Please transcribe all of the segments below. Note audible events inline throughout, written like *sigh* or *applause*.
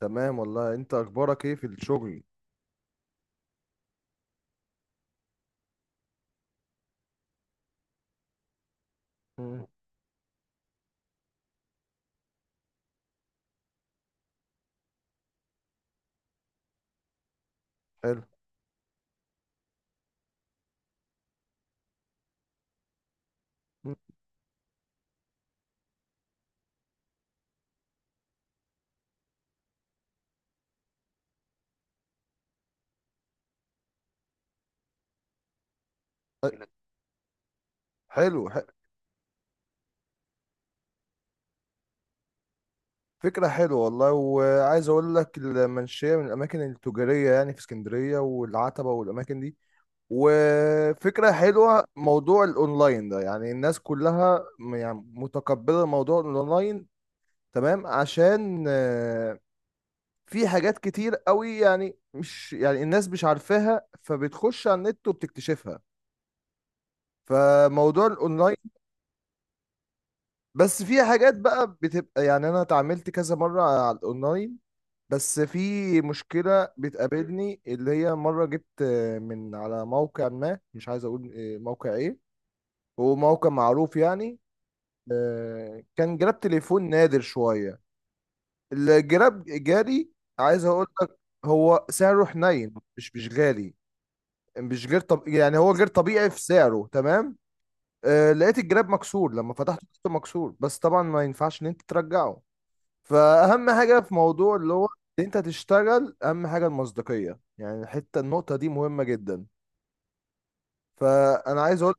تمام والله، انت اخبارك ايه في الشغل؟ مم. حلو. مم. حلو. فكرة حلوة والله، وعايز اقول لك المنشية من الاماكن التجارية يعني في اسكندرية، والعتبة والاماكن دي. وفكرة حلوة موضوع الاونلاين ده، يعني الناس كلها يعني متقبلة موضوع الاونلاين. تمام، عشان في حاجات كتير قوي، يعني مش يعني الناس مش عارفاها، فبتخش على النت وبتكتشفها، فموضوع الاونلاين. بس في حاجات بقى بتبقى، يعني انا اتعاملت كذا مرة على الاونلاين، بس في مشكلة بتقابلني اللي هي مرة جبت من على موقع، ما مش عايز اقول موقع ايه، هو موقع معروف يعني. كان جراب تليفون نادر شوية، الجراب جالي، عايز اقول لك هو سعره حنين، مش غالي، مش غير، طب يعني هو غير طبيعي في سعره، تمام. لقيت الجراب مكسور، لما فتحته لقيته مكسور، بس طبعا ما ينفعش ان انت ترجعه. فأهم حاجة في موضوع اللي هو إن أنت تشتغل، أهم حاجة المصداقية، يعني النقطة دي مهمة جدا. فأنا عايز أقول،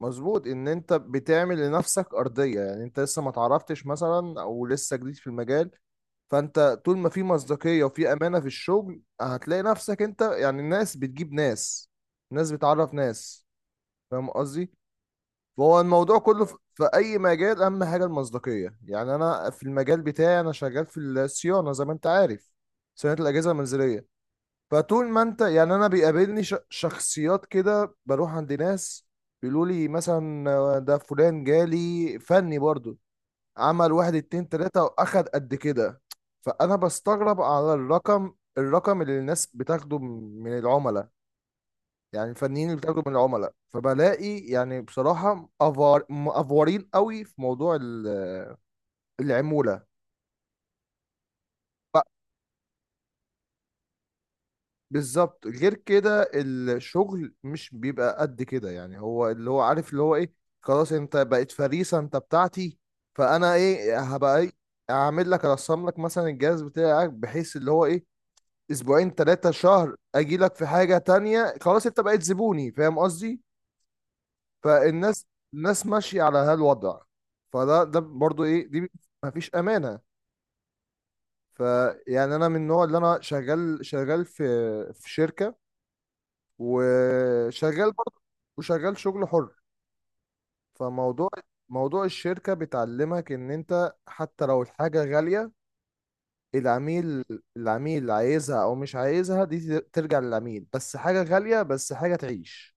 مظبوط ان انت بتعمل لنفسك ارضيه، يعني انت لسه ما تعرفتش مثلا، او لسه جديد في المجال، فانت طول ما في مصداقيه وفي امانه في الشغل، هتلاقي نفسك انت، يعني الناس بتجيب ناس، الناس بتعرف ناس، فاهم قصدي؟ فهو الموضوع كله في اي مجال اهم حاجه المصداقيه، يعني انا في المجال بتاعي انا شغال في الصيانه، زي ما انت عارف، صيانه الاجهزه المنزليه. فطول ما انت يعني انا بيقابلني شخصيات كده، بروح عند ناس بيقولوا لي مثلا ده فلان جالي فني برضو، عمل واحد اتنين تلاته واخد قد كده. فانا بستغرب على الرقم اللي الناس بتاخده من العملاء، يعني الفنيين اللي بتاخده من العملاء، فبلاقي يعني بصراحة مأفورين قوي في موضوع العمولة. ب- بالظبط، غير كده الشغل مش بيبقى قد كده، يعني هو اللي هو عارف اللي هو ايه، خلاص انت بقيت فريسة، انت بتاعتي. فانا ايه هبقى ايه، اعمل لك ارسم لك مثلا الجهاز بتاعك، بحيث اللي هو ايه، اسبوعين ثلاثة شهر اجي لك في حاجة تانية، خلاص انت بقيت زبوني، فاهم قصدي؟ فالناس ماشيه على هالوضع. فده برضو ايه دي، ما فيش امانه. فيعني انا من النوع اللي انا شغال في شركه، وشغال برضو، وشغال شغل حر. فموضوع الشركه بتعلمك ان انت حتى لو الحاجه غاليه، العميل العميل عايزها او مش عايزها، دي ترجع للعميل، بس حاجه غاليه بس حاجه تعيش،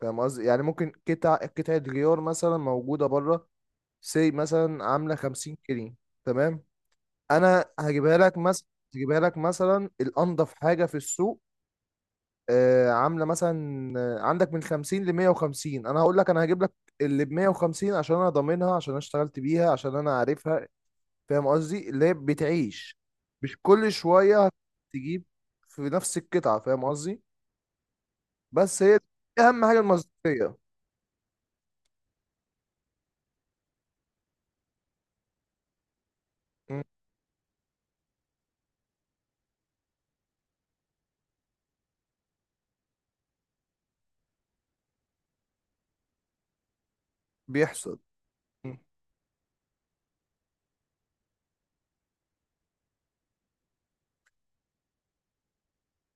فاهم قصدي؟ يعني ممكن قطعه غيار مثلا موجوده بره، سي مثلا عامله 50 جنيه، تمام، انا هجيبها لك مثلا الانضف حاجه في السوق، عامله مثلا عندك من 50 ل 150، انا هقول لك انا هجيب لك اللي ب 150، عشان انا ضامنها، عشان انا اشتغلت بيها، عشان انا عارفها، فاهم قصدي؟ اللي هي بتعيش، مش كل شويه تجيب في نفس القطعه، فاهم قصدي؟ بس هي دي اهم حاجه، المصداقيه. م، بيحصل. م،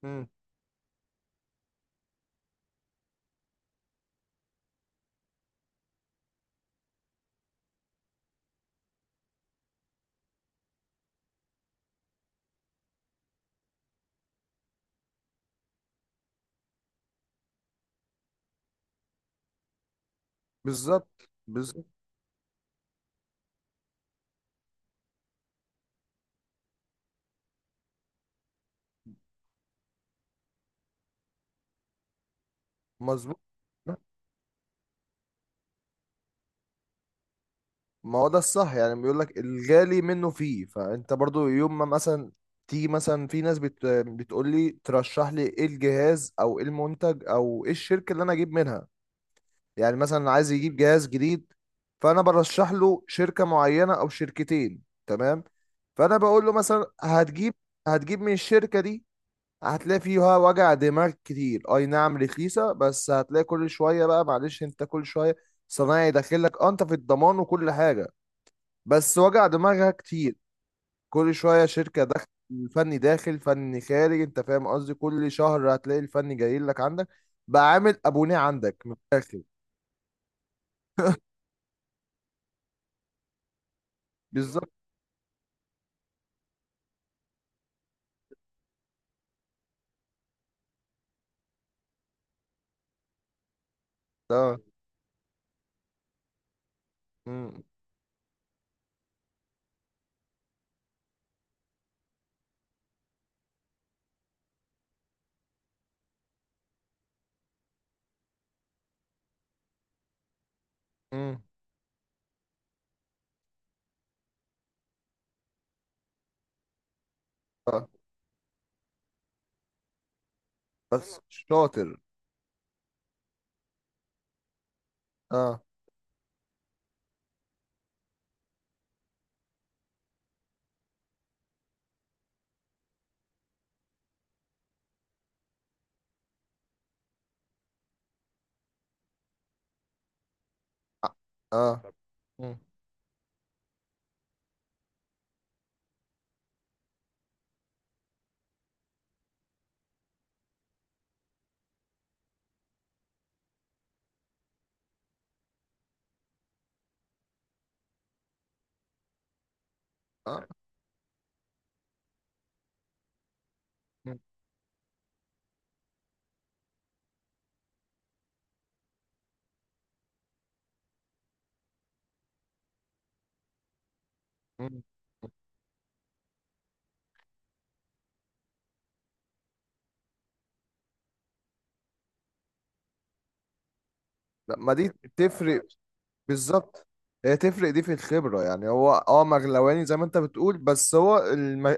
م، بالظبط، بالظبط. مظبوط، ما هو ده الصح، يعني بيقول لك الغالي منه فيه. فانت برضو يوم ما مثلا تيجي، مثلا في ناس بتقول لي ترشح لي ايه الجهاز او ايه المنتج او ايه الشركة اللي انا اجيب منها، يعني مثلا عايز يجيب جهاز جديد، فانا برشح له شركة معينة او شركتين، تمام. فانا بقول له مثلا هتجيب من الشركة دي، هتلاقي فيها وجع دماغ كتير، اي نعم رخيصة، بس هتلاقي كل شوية بقى معلش انت، كل شوية صنايعي داخل لك، اه انت في الضمان وكل حاجة، بس وجع دماغها كتير، كل شوية شركة داخل، فني داخل فني خارج، انت فاهم قصدي، كل شهر هتلاقي الفني جاي لك عندك، بقى عامل ابونيه عندك من الاخر. بالظبط. اه. مم. مم. اه. بس شاطر. اه، اه، اه. مم. اه. مم. مم. لا، ما دي تفرق، بالظبط. هي تفرق دي في الخبرة، يعني هو اه مغلواني زي ما انت بتقول، بس هو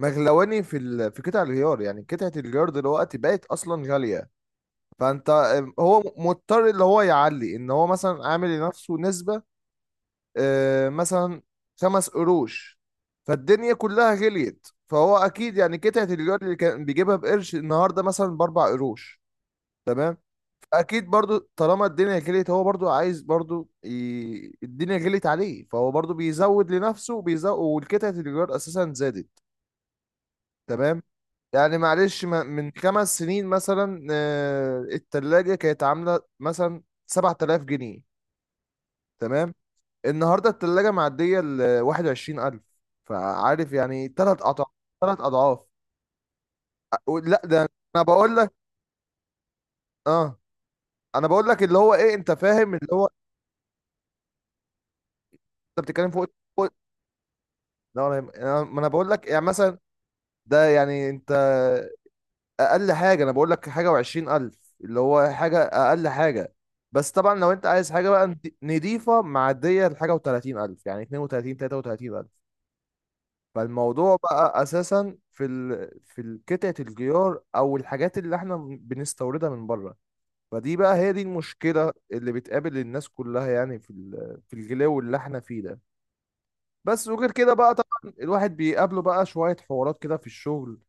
المغلواني في في قطع الغيار، يعني قطعة الغيار دلوقتي بقت اصلا غالية، فانت هو مضطر اللي هو يعلي، ان هو مثلا عامل لنفسه نسبة مثلا خمس قروش، فالدنيا كلها غليت، فهو اكيد يعني قطعة الجار اللي كان بيجيبها بقرش، النهارده مثلا باربع قروش، تمام، اكيد برضو طالما الدنيا غليت هو برضو عايز برضو الدنيا غليت عليه، فهو برضو بيزود لنفسه وبيزود، والقطعة الجار اساسا زادت، تمام. يعني معلش، من 5 سنين مثلا التلاجة كانت عاملة مثلا 7000 جنيه، تمام، النهاردة التلاجة معدية ال 21000، فعارف يعني تلات أضعاف، تلات أضعاف. أ- لا ده، أنا بقول لك أه أنا بقول لك اللي هو إيه، أنت فاهم اللي هو، أنت بتتكلم فوق، فوق- لا، ما أنا بقول لك، يعني مثلا ده يعني أنت، اقل حاجه انا بقول لك حاجه وعشرين الف، اللي هو حاجه، اقل حاجه. بس طبعا لو انت عايز حاجه بقى نضيفه معديه لحاجه وتلاتين الف، يعني اتنين وتلاتين تلاته وتلاتين الف. فالموضوع بقى اساسا في في قطعه الجيار او الحاجات اللي احنا بنستوردها من بره، فدي بقى هي دي المشكله اللي بتقابل الناس كلها، يعني في في الغلاوه اللي احنا فيه ده. بس وغير كده بقى طبعا الواحد بيقابله بقى شوية حوارات كده في الشغل،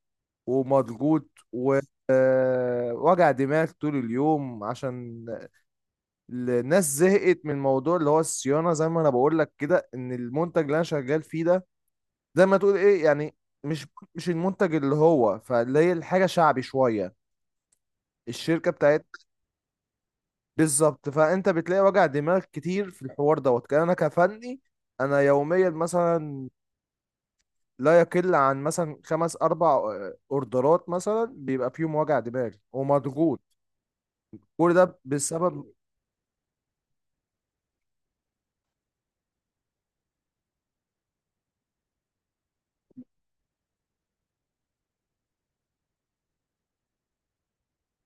ومضغوط ووجع دماغ طول اليوم، عشان الناس زهقت من موضوع اللي هو الصيانة، زي ما انا بقول لك كده، ان المنتج اللي انا شغال فيه ده زي ما تقول ايه يعني، مش مش المنتج اللي هو، فاللي هي الحاجة شعبي شوية، الشركة بتاعت، بالظبط. فانت بتلاقي وجع دماغ كتير في الحوار، دوت كان انا كفني، انا يوميا مثلا لا يقل عن مثلا خمس اربع اوردرات، مثلا بيبقى فيهم وجع دماغ ومضغوط، كل ده بسبب،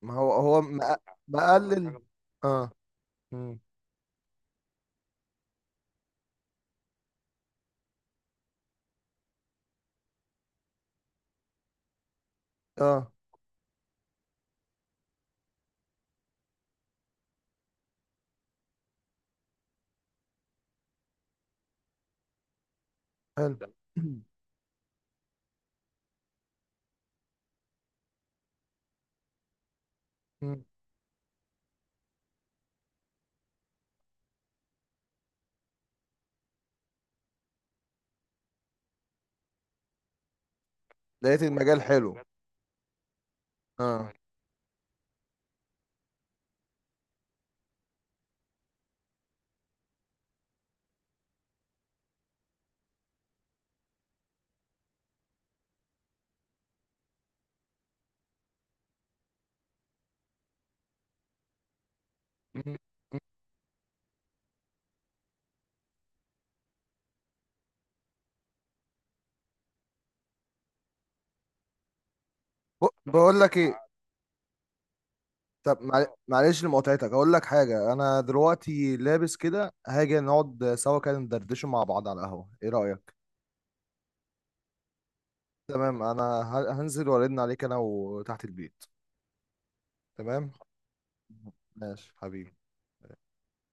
ما هو مقلل. اه. مم. اه. حلو. *clears throat* مم. لقيت المجال حلو. اه. مم. بقول لك ايه، طب معلش لمقاطعتك، هقول لك حاجه، انا دلوقتي لابس كده، هاجي نقعد سوا كده ندردش مع بعض على القهوه، ايه رايك؟ تمام، انا هنزل وارن عليك، انا وتحت البيت، تمام، ماشي حبيبي.